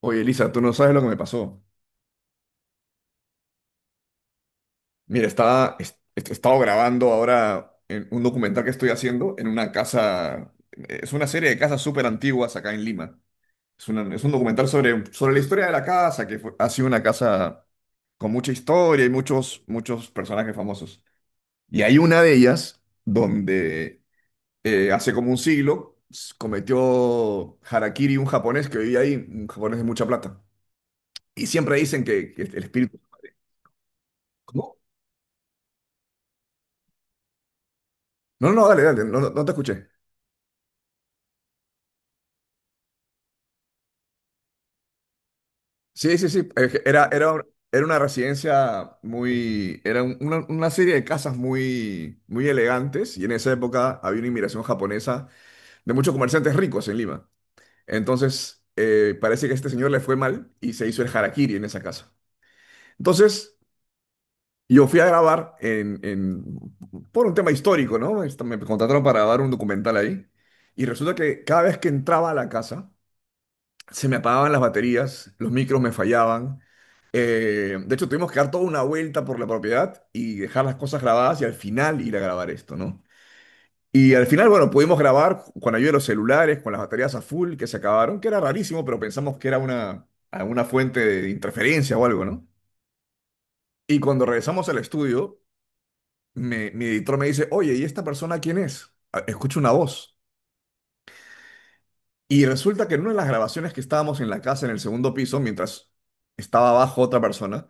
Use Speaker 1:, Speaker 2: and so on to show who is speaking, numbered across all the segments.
Speaker 1: Oye, Elisa, tú no sabes lo que me pasó. Mira, he estado grabando ahora en un documental que estoy haciendo en una casa, es una serie de casas súper antiguas acá en Lima. Es un documental sobre la historia de la casa, ha sido una casa con mucha historia y muchos personajes famosos. Y hay una de ellas donde hace como un siglo cometió harakiri un japonés que vivía ahí, un japonés de mucha plata. Y siempre dicen que el espíritu. ¿Cómo? No, no, dale, dale, no, no, no te escuché. Sí, sí, sí, es que era una residencia muy, era un- una serie de casas muy, muy elegantes y en esa época había una inmigración japonesa de muchos comerciantes ricos en Lima. Entonces, parece que a este señor le fue mal y se hizo el harakiri en esa casa. Entonces, yo fui a grabar por un tema histórico, ¿no? Me contrataron para grabar un documental ahí y resulta que cada vez que entraba a la casa, se me apagaban las baterías, los micros me fallaban. De hecho, tuvimos que dar toda una vuelta por la propiedad y dejar las cosas grabadas y al final ir a grabar esto, ¿no? Y al final, bueno, pudimos grabar con ayuda de los celulares, con las baterías a full que se acabaron, que era rarísimo, pero pensamos que era alguna fuente de interferencia o algo, ¿no? Y cuando regresamos al estudio, mi editor me dice, oye, ¿y esta persona quién es? "Ah, Escucho una voz." Y resulta que en una de las grabaciones que estábamos en la casa, en el segundo piso, mientras estaba abajo otra persona,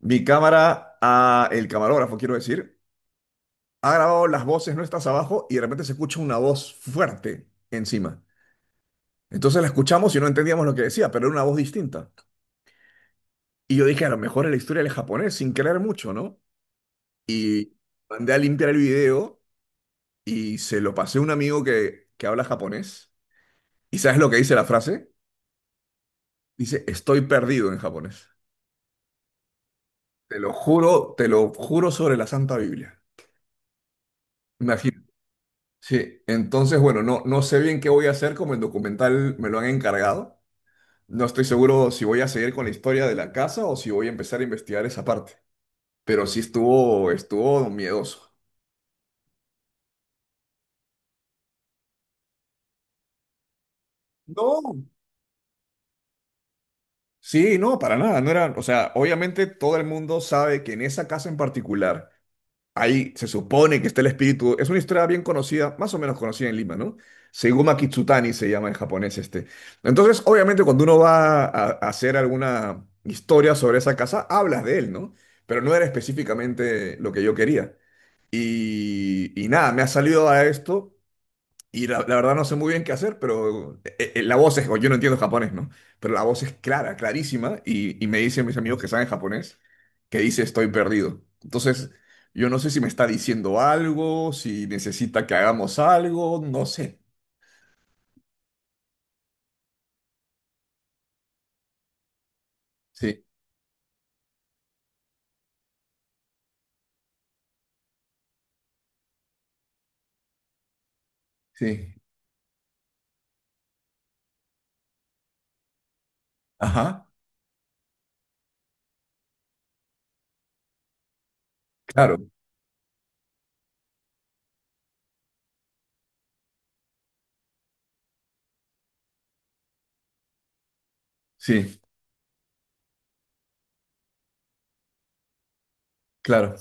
Speaker 1: mi cámara, a el camarógrafo, quiero decir, ha grabado las voces nuestras abajo y de repente se escucha una voz fuerte encima. Entonces la escuchamos y no entendíamos lo que decía, pero era una voz distinta. Y yo dije, a lo mejor es la historia del japonés, sin creer mucho, ¿no? Y mandé a limpiar el video y se lo pasé a un amigo que habla japonés. ¿Y sabes lo que dice la frase? Dice, estoy perdido en japonés. Te lo juro sobre la Santa Biblia. Imagínate. Sí, entonces, bueno, no, no sé bien qué voy a hacer, como el documental me lo han encargado. No estoy seguro si voy a seguir con la historia de la casa o si voy a empezar a investigar esa parte. Pero sí estuvo miedoso. No. Sí, no, para nada. No era, o sea, obviamente todo el mundo sabe que en esa casa en particular, ahí se supone que está el espíritu. Es una historia bien conocida, más o menos conocida en Lima, ¿no? Seguma Kitsutani se llama en japonés este. Entonces, obviamente, cuando uno va a hacer alguna historia sobre esa casa, hablas de él, ¿no? Pero no era específicamente lo que yo quería. Y nada, me ha salido a esto y la verdad no sé muy bien qué hacer, pero la voz es, o yo no entiendo japonés, ¿no? Pero la voz es clara, clarísima y me dicen mis amigos que saben japonés que dice estoy perdido. Entonces, yo no sé si me está diciendo algo, si necesita que hagamos algo, no sé. Sí, sí. Ajá, claro, sí, claro,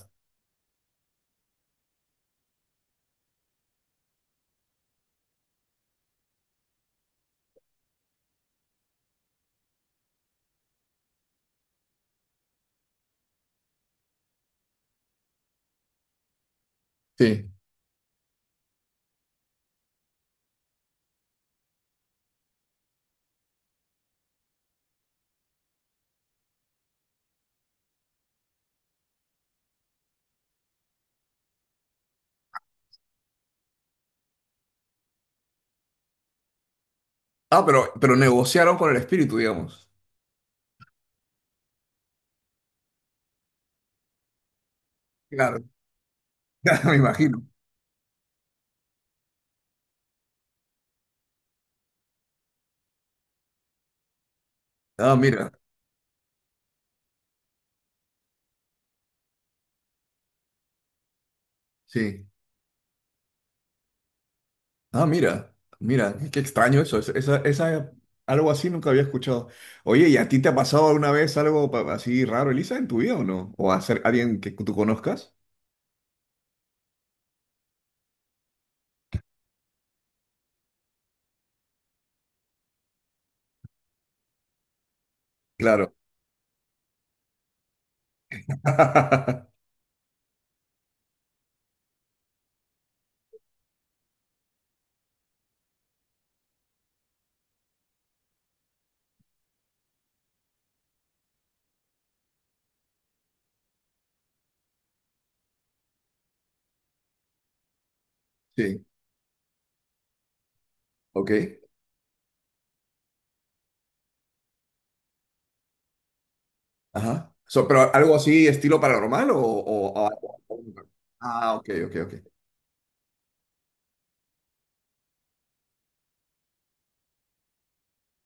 Speaker 1: sí. Ah, pero, negociaron con el espíritu, digamos. Claro, me imagino. Ah, mira, sí. Ah, mira, mira, qué extraño eso. Algo así nunca había escuchado. Oye, ¿y a ti te ha pasado alguna vez algo así raro, Elisa, en tu vida o no? ¿O a ser alguien que tú conozcas? Claro. Sí, ok. Ajá. So, pero algo así, estilo paranormal o, Ah, ok, ok, ok.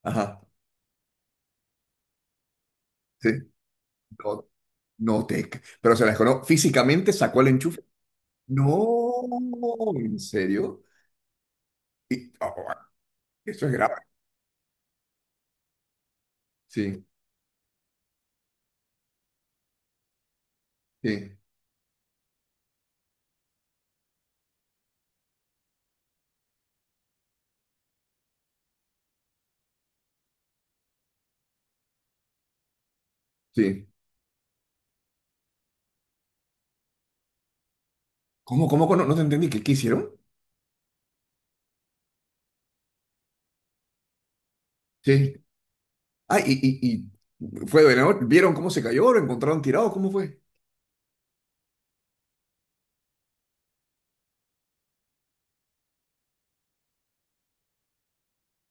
Speaker 1: Ajá. Sí. No, no te. Pero físicamente sacó el enchufe. No, ¿en serio? Oh, oh, eso es grave. Sí, sí, sí. ¿Cómo? No te entendí. ¿Qué hicieron? Sí. Ah, y fue de ¿vieron cómo se cayó? ¿Lo encontraron tirado? ¿Cómo fue?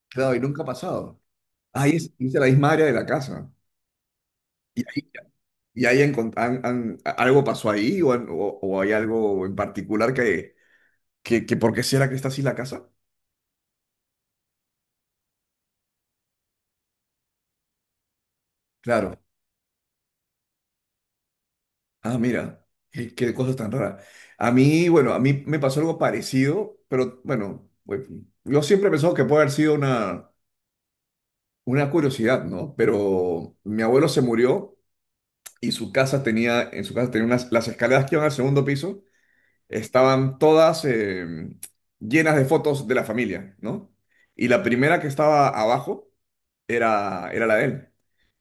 Speaker 1: Claro, y nunca ha pasado. Ahí es, y es de la misma área de la casa. Y ahí, y ahí algo pasó ahí o, o hay algo en particular que, ¿por qué será que está así la casa? Claro. Ah, mira, qué cosa tan rara. A mí me pasó algo parecido, pero bueno, pues, yo siempre he pensado que puede haber sido una curiosidad, ¿no? Pero mi abuelo se murió y su casa tenía, en su casa tenía las escaleras que iban al segundo piso, estaban todas llenas de fotos de la familia, ¿no? Y la primera que estaba abajo era la de él.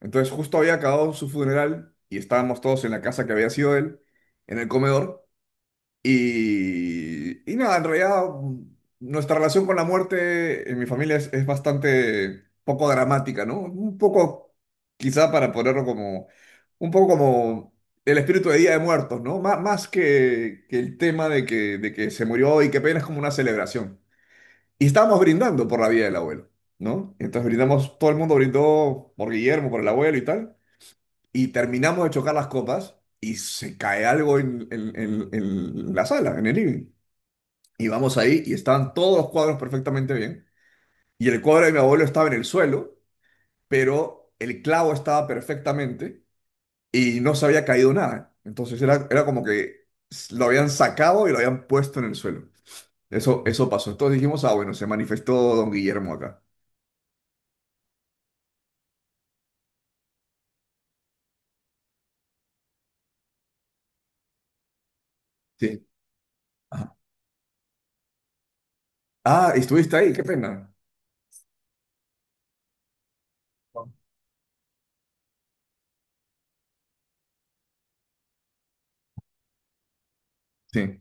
Speaker 1: Entonces justo había acabado su funeral y estábamos todos en la casa que había sido él, en el comedor. Y nada, en realidad nuestra relación con la muerte en mi familia es bastante poco dramática, ¿no? Un poco, quizá para ponerlo como, un poco como el espíritu de Día de Muertos, ¿no? Más que el tema de que se murió y qué pena es como una celebración. Y estábamos brindando por la vida del abuelo, ¿no? Entonces brindamos, todo el mundo brindó por Guillermo, por el abuelo y tal, y terminamos de chocar las copas y se cae algo en, en la sala, en el living. Y vamos ahí y estaban todos los cuadros perfectamente bien. Y el cuadro de mi abuelo estaba en el suelo, pero el clavo estaba perfectamente y no se había caído nada. Entonces era como que lo habían sacado y lo habían puesto en el suelo. Eso pasó. Entonces dijimos, ah, bueno, se manifestó don Guillermo acá. Sí. Ajá. Ah, estuviste ahí, qué pena. Sí.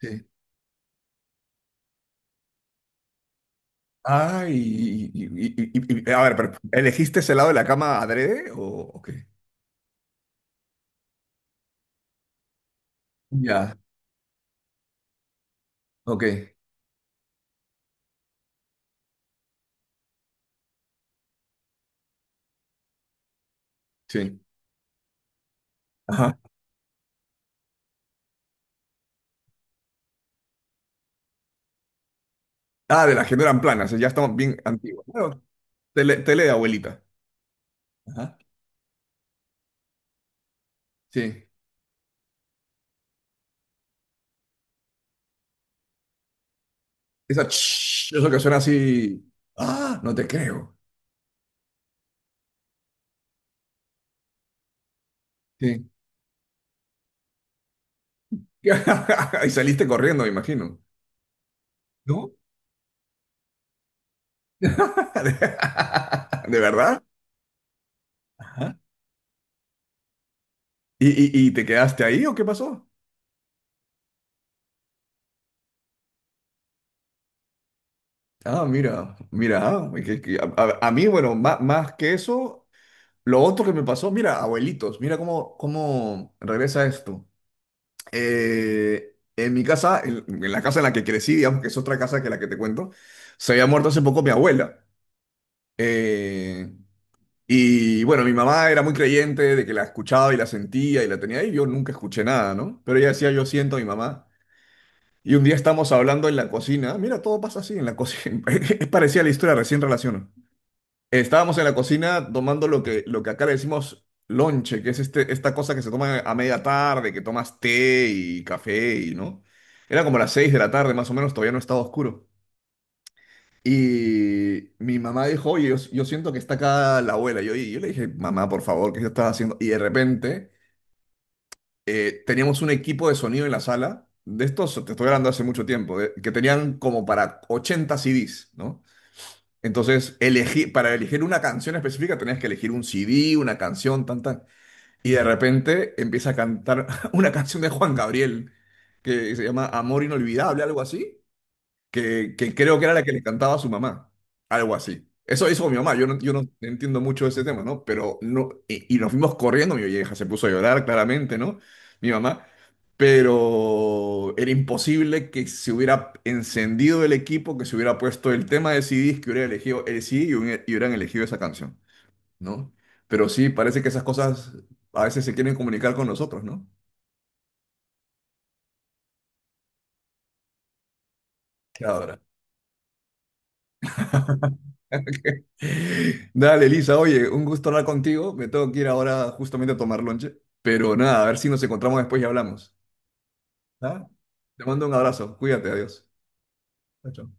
Speaker 1: Sí. Ah, A ver, pero, ¿elegiste ese lado de la cama adrede o qué? Ya, ok, sí. Ah, de las que no eran planas, ya estaban bien antiguas. Bueno, tele, tele de abuelita. Ajá. Sí. Eso que suena así. Ah, no te creo. Sí. Y saliste corriendo, me imagino. ¿No? ¿De verdad? Ajá. ¿Y, y te quedaste ahí o qué pasó? Ah, mira, mira, ah, a mí, bueno, más que eso, lo otro que me pasó, mira, abuelitos, mira cómo regresa esto. En mi casa, en la casa en la que crecí, digamos que es otra casa que la que te cuento, se había muerto hace poco mi abuela. Eh, y bueno, mi mamá era muy creyente de que la escuchaba y la sentía y la tenía ahí. Yo nunca escuché nada, ¿no? Pero ella decía, yo siento a mi mamá. Y un día estamos hablando en la cocina. Mira, todo pasa así en la cocina. Es parecida a la historia, recién relaciono. Estábamos en la cocina tomando lo que acá le decimos lonche, que es este, esta cosa que se toma a media tarde, que tomas té y café y, ¿no? Era como las 6 de la tarde, más o menos, todavía no estaba oscuro. Y mi mamá dijo, oye, yo siento que está acá la abuela. Y yo le dije, mamá, por favor, ¿qué yo estaba haciendo? Y de repente teníamos un equipo de sonido en la sala, de estos, te estoy hablando hace mucho tiempo, que tenían como para 80 CDs, ¿no? Entonces, elegí, para elegir una canción específica tenías que elegir un CD, una canción, tan, tan. Y de repente empieza a cantar una canción de Juan Gabriel que se llama Amor Inolvidable, algo así que creo que era la que le cantaba a su mamá, algo así. Eso hizo mi mamá, yo no entiendo mucho de ese tema, ¿no? Pero no, y nos fuimos corriendo, mi vieja se puso a llorar claramente, ¿no? Mi mamá, pero era imposible que se hubiera encendido el equipo, que se hubiera puesto el tema de CDs, que hubiera elegido el CD y, y hubieran elegido esa canción, ¿no? Pero sí, parece que esas cosas a veces se quieren comunicar con nosotros, ¿no? Claro. Dale, Elisa, oye, un gusto hablar contigo. Me tengo que ir ahora justamente a tomar lonche. Pero nada, a ver si nos encontramos después y hablamos. ¿Ah? Te mando un abrazo. Cuídate, adiós. Chao, chao.